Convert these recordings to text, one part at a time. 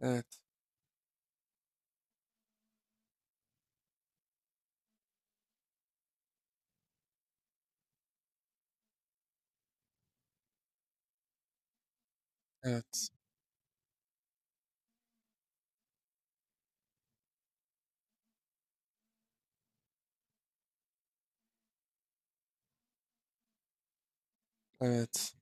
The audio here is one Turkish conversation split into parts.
Evet, evet, evet.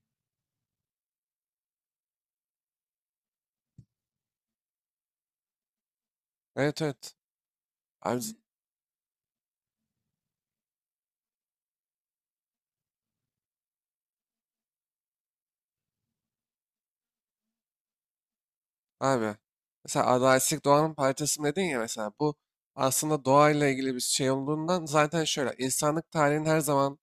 Evet, evet. Abi, abi. Mesela adaletlik doğanın parçası dedin ya mesela bu aslında doğayla ilgili bir şey olduğundan zaten şöyle insanlık tarihinin her zaman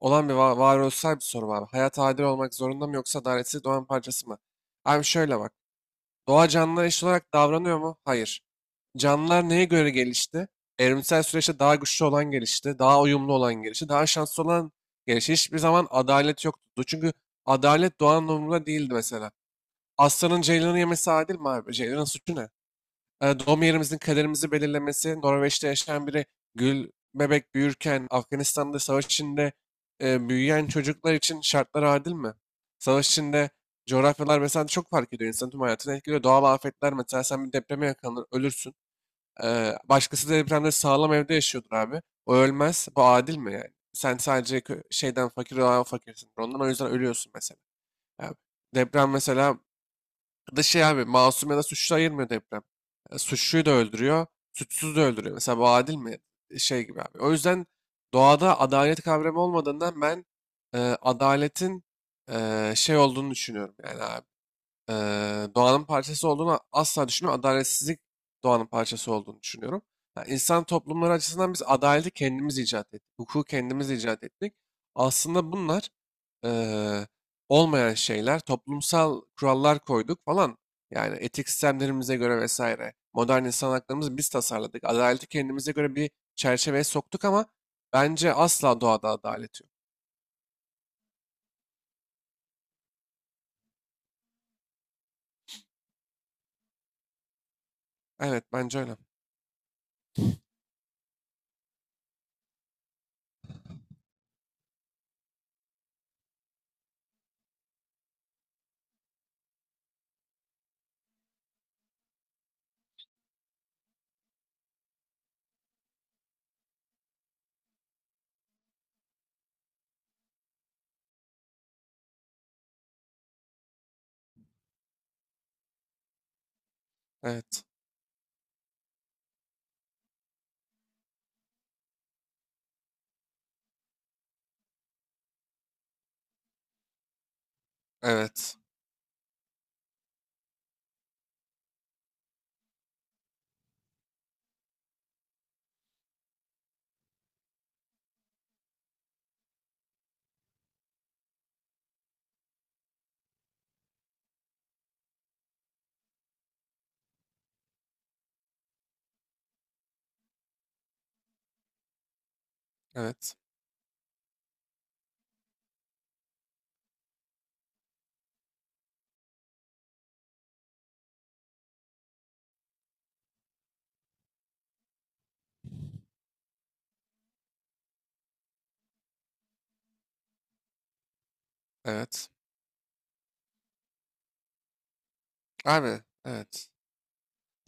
olan bir varoluşsal bir soru var. Hayat adil olmak zorunda mı yoksa adaletsizlik doğanın parçası mı? Abi şöyle bak. Doğa canlılar eşit olarak davranıyor mu? Hayır. Canlılar neye göre gelişti? Evrimsel süreçte daha güçlü olan gelişti, daha uyumlu olan gelişti, daha şanslı olan gelişti. Hiçbir zaman adalet yoktu. Çünkü adalet doğanın umurunda değildi mesela. Aslanın ceylanı yemesi adil mi abi? Ceylanın suçu ne? Doğum yerimizin kaderimizi belirlemesi, Norveç'te yaşayan biri gül bebek büyürken, Afganistan'da savaş içinde büyüyen çocuklar için şartlar adil mi? Savaş içinde coğrafyalar mesela çok fark ediyor. İnsanın tüm hayatını etkiliyor. Doğal afetler mesela sen bir depreme yakalanır, ölürsün. Başkası depremde sağlam evde yaşıyordur abi. O ölmez. Bu adil mi yani? Sen sadece şeyden fakir olan fakirsin. Ondan o yüzden ölüyorsun mesela. Yani deprem mesela da şey abi masum ya da suçlu ayırmıyor deprem. Yani suçluyu da öldürüyor. Suçsuzu da öldürüyor. Mesela bu adil mi? Şey gibi abi. O yüzden doğada adalet kavramı olmadığından ben adaletin şey olduğunu düşünüyorum yani abi doğanın parçası olduğunu asla düşünmüyorum. Adaletsizlik doğanın parçası olduğunu düşünüyorum. Yani insan toplumları açısından biz adaleti kendimiz icat ettik. Hukuku kendimiz icat ettik. Aslında bunlar eee, olmayan şeyler. Toplumsal kurallar koyduk falan. Yani etik sistemlerimize göre vesaire. Modern insan haklarımızı biz tasarladık. Adaleti kendimize göre bir çerçeveye soktuk ama bence asla doğada adalet yok. Evet bence öyle. Evet. Evet. Evet. Evet. Abi evet.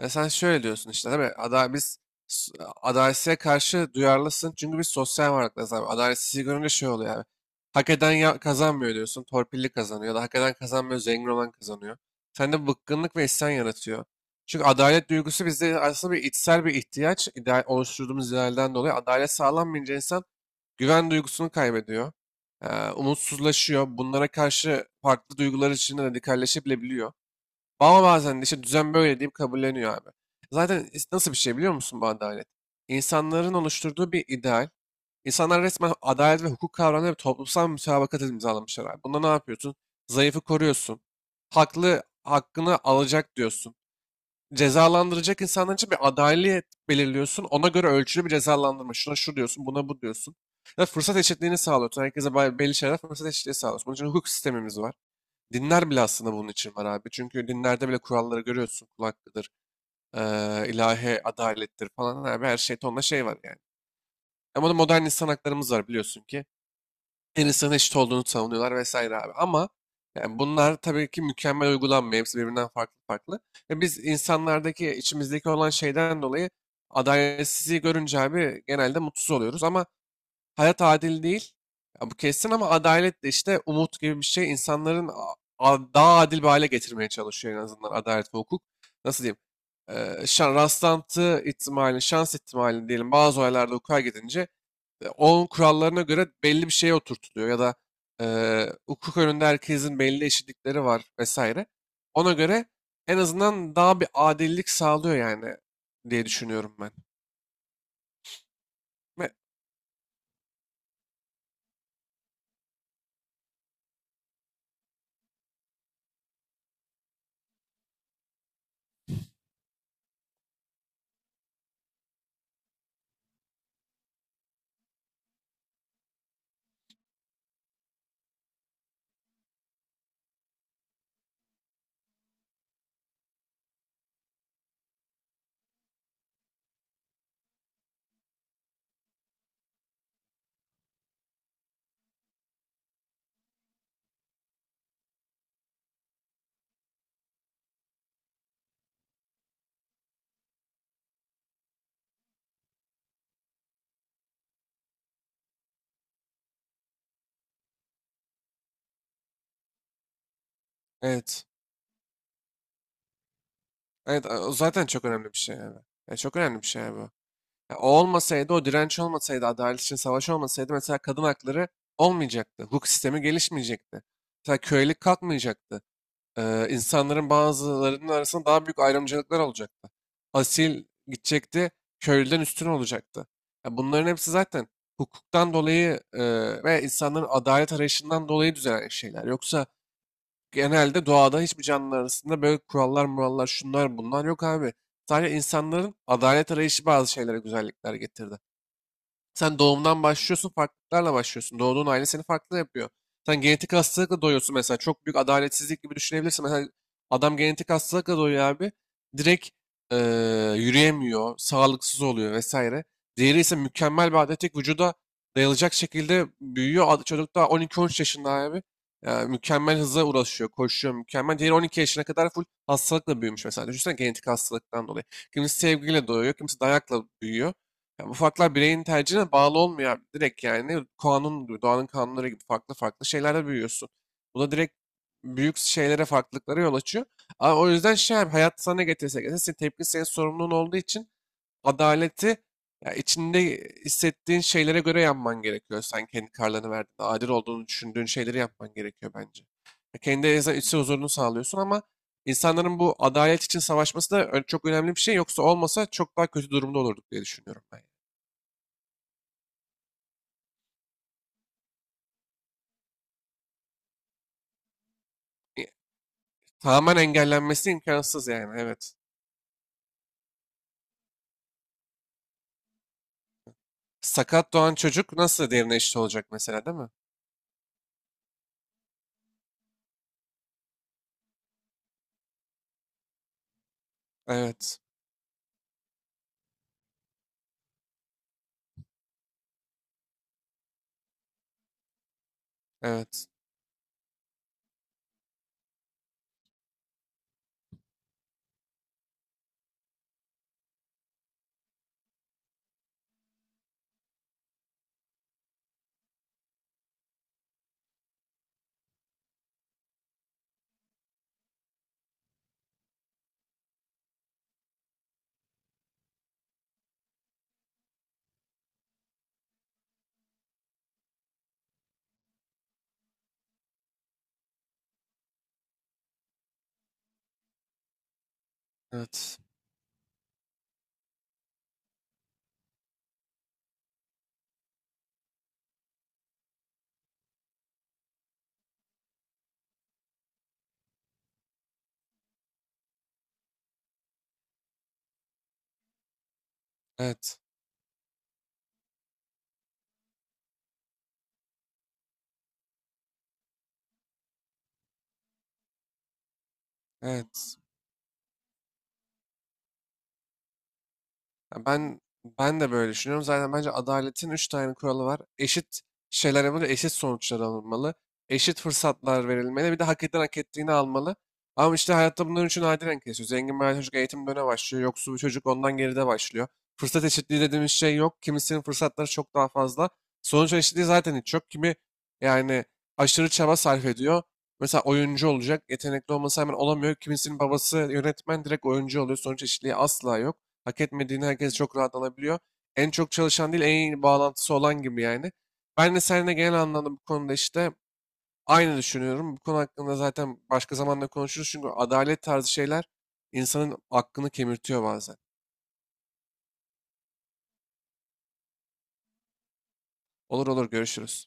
Ya sen şöyle diyorsun işte değil mi? Biz s- adaletsizliğe karşı duyarlısın. Çünkü biz sosyal varlıklarız abi. Adaletsizliği görünce şey oluyor abi. Hak eden kazanmıyor diyorsun. Torpilli kazanıyor. Ya da hak eden kazanmıyor. Zengin olan kazanıyor. Sende bıkkınlık ve isyan yaratıyor. Çünkü adalet duygusu bizde aslında bir içsel bir ihtiyaç. İdeal, oluşturduğumuz idealden dolayı adalet sağlanmayınca insan güven duygusunu kaybediyor. Umutsuzlaşıyor. Bunlara karşı farklı duygular içinde radikalleşebilebiliyor. Ama bazen de işte düzen böyle deyip kabulleniyor abi. Zaten nasıl bir şey biliyor musun bu adalet? İnsanların oluşturduğu bir ideal. İnsanlar resmen adalet ve hukuk kavramları bir toplumsal mütabakat imzalamışlar abi. Bunda ne yapıyorsun? Zayıfı koruyorsun. Haklı hakkını alacak diyorsun. Cezalandıracak insanlar için bir adalet belirliyorsun. Ona göre ölçülü bir cezalandırma. Şuna şu diyorsun, buna bu diyorsun. Ve fırsat eşitliğini sağlıyorsun. Herkese belli şeyler fırsat eşitliği sağlıyorsun. Bunun için hukuk sistemimiz var. Dinler bile aslında bunun için var abi. Çünkü dinlerde bile kuralları görüyorsun. Kul hakkıdır, ilahi adalettir falan abi. Her şey tonla şey var yani. Ama da modern insan haklarımız var biliyorsun ki. Her insanın eşit olduğunu savunuyorlar vesaire abi. Ama yani bunlar tabii ki mükemmel uygulanmıyor. Hepsi birbirinden farklı farklı. Ve biz insanlardaki, içimizdeki olan şeyden dolayı adaletsizliği görünce abi genelde mutsuz oluyoruz. Ama hayat adil değil. Ya bu kesin ama adalet de işte umut gibi bir şey insanların daha adil bir hale getirmeye çalışıyor en azından adalet ve hukuk. Nasıl diyeyim? Şan, rastlantı ihtimalini, şans ihtimalini diyelim bazı olaylarda hukuka gidince onun kurallarına göre belli bir şeye oturtuluyor ya da e, hukuk önünde herkesin belli eşitlikleri var vesaire. Ona göre en azından daha bir adillik sağlıyor yani diye düşünüyorum ben. Ve- Evet. Evet o zaten çok önemli bir şey yani. Ya çok önemli bir şey yani bu. Ya o olmasaydı, o direnç olmasaydı, adalet için savaş olmasaydı mesela kadın hakları olmayacaktı. Hukuk sistemi gelişmeyecekti. Mesela kölelik kalkmayacaktı. İnsanların bazılarının arasında daha büyük ayrımcılıklar olacaktı. Asil gidecekti, köylüden üstün olacaktı. Ya bunların hepsi zaten hukuktan dolayı ve insanların adalet arayışından dolayı düzelen şeyler. Yoksa genelde doğada hiçbir canlı arasında böyle kurallar murallar şunlar bunlar yok abi. Sadece insanların adalet arayışı bazı şeylere güzellikler getirdi. Sen doğumdan başlıyorsun, farklılıklarla başlıyorsun. Doğduğun aile seni farklı yapıyor. Sen genetik hastalıkla doğuyorsun mesela. Çok büyük adaletsizlik gibi düşünebilirsin. Mesela adam genetik hastalıkla doğuyor abi. Direkt yürüyemiyor, sağlıksız oluyor vesaire. Diğeri ise mükemmel bir atletik vücuda dayanacak şekilde büyüyor. Çocuk daha 12-13 yaşında abi. Yani mükemmel hıza ulaşıyor, koşuyor mükemmel. Diğeri 12 yaşına kadar full hastalıkla büyümüş mesela. Düşünsene genetik hastalıktan dolayı. Kimisi sevgiyle doğuyor, kimisi dayakla büyüyor. Yani bu farklar bireyin tercihine bağlı olmuyor abi. Direkt yani kanun gibi, doğanın kanunları gibi farklı farklı şeylerle büyüyorsun. Bu da direkt büyük şeylere farklılıklara yol açıyor. Ama o yüzden şey abi, hayat sana ne getirirse getirsin senin tepki senin sorumluluğun olduğu için adaleti ya içinde hissettiğin şeylere göre yapman gerekiyor. Sen kendi kararlarını verdiğinde adil olduğunu düşündüğün şeyleri yapman gerekiyor bence. Ya kendi içsel huzurunu sağlıyorsun ama insanların bu adalet için savaşması da çok önemli bir şey. Yoksa olmasa çok daha kötü durumda olurduk diye düşünüyorum ben. E, Tamamen engellenmesi imkansız yani evet. Sakat doğan çocuk nasıl derine eşit olacak mesela değil mi? Evet. Evet. Evet. Evet. Evet. Ya ben de böyle düşünüyorum. Zaten bence adaletin üç tane kuralı var. Eşit şeyler yapılmalı, eşit sonuçlar alınmalı, eşit fırsatlar verilmeli, bir de hak eden hak ettiğini almalı. Ama işte hayatta bunların üçü nadiren kesiyor. Zengin bir aile çocuk eğitim döneme başlıyor, yoksul bir çocuk ondan geride başlıyor. Fırsat eşitliği dediğimiz şey yok. Kimisinin fırsatları çok daha fazla. Sonuç eşitliği zaten hiç yok. Kimi yani aşırı çaba sarf ediyor. Mesela oyuncu olacak, yetenekli olması hemen olamıyor. Kimisinin babası yönetmen direkt oyuncu oluyor. Sonuç eşitliği asla yok. Hak etmediğini herkes çok rahat alabiliyor. En çok çalışan değil, en iyi bağlantısı olan gibi yani. Ben de seninle genel anlamda bu konuda işte aynı düşünüyorum. Bu konu hakkında zaten başka zamanda konuşuruz. Çünkü adalet tarzı şeyler insanın aklını kemirtiyor bazen. Olur olur görüşürüz.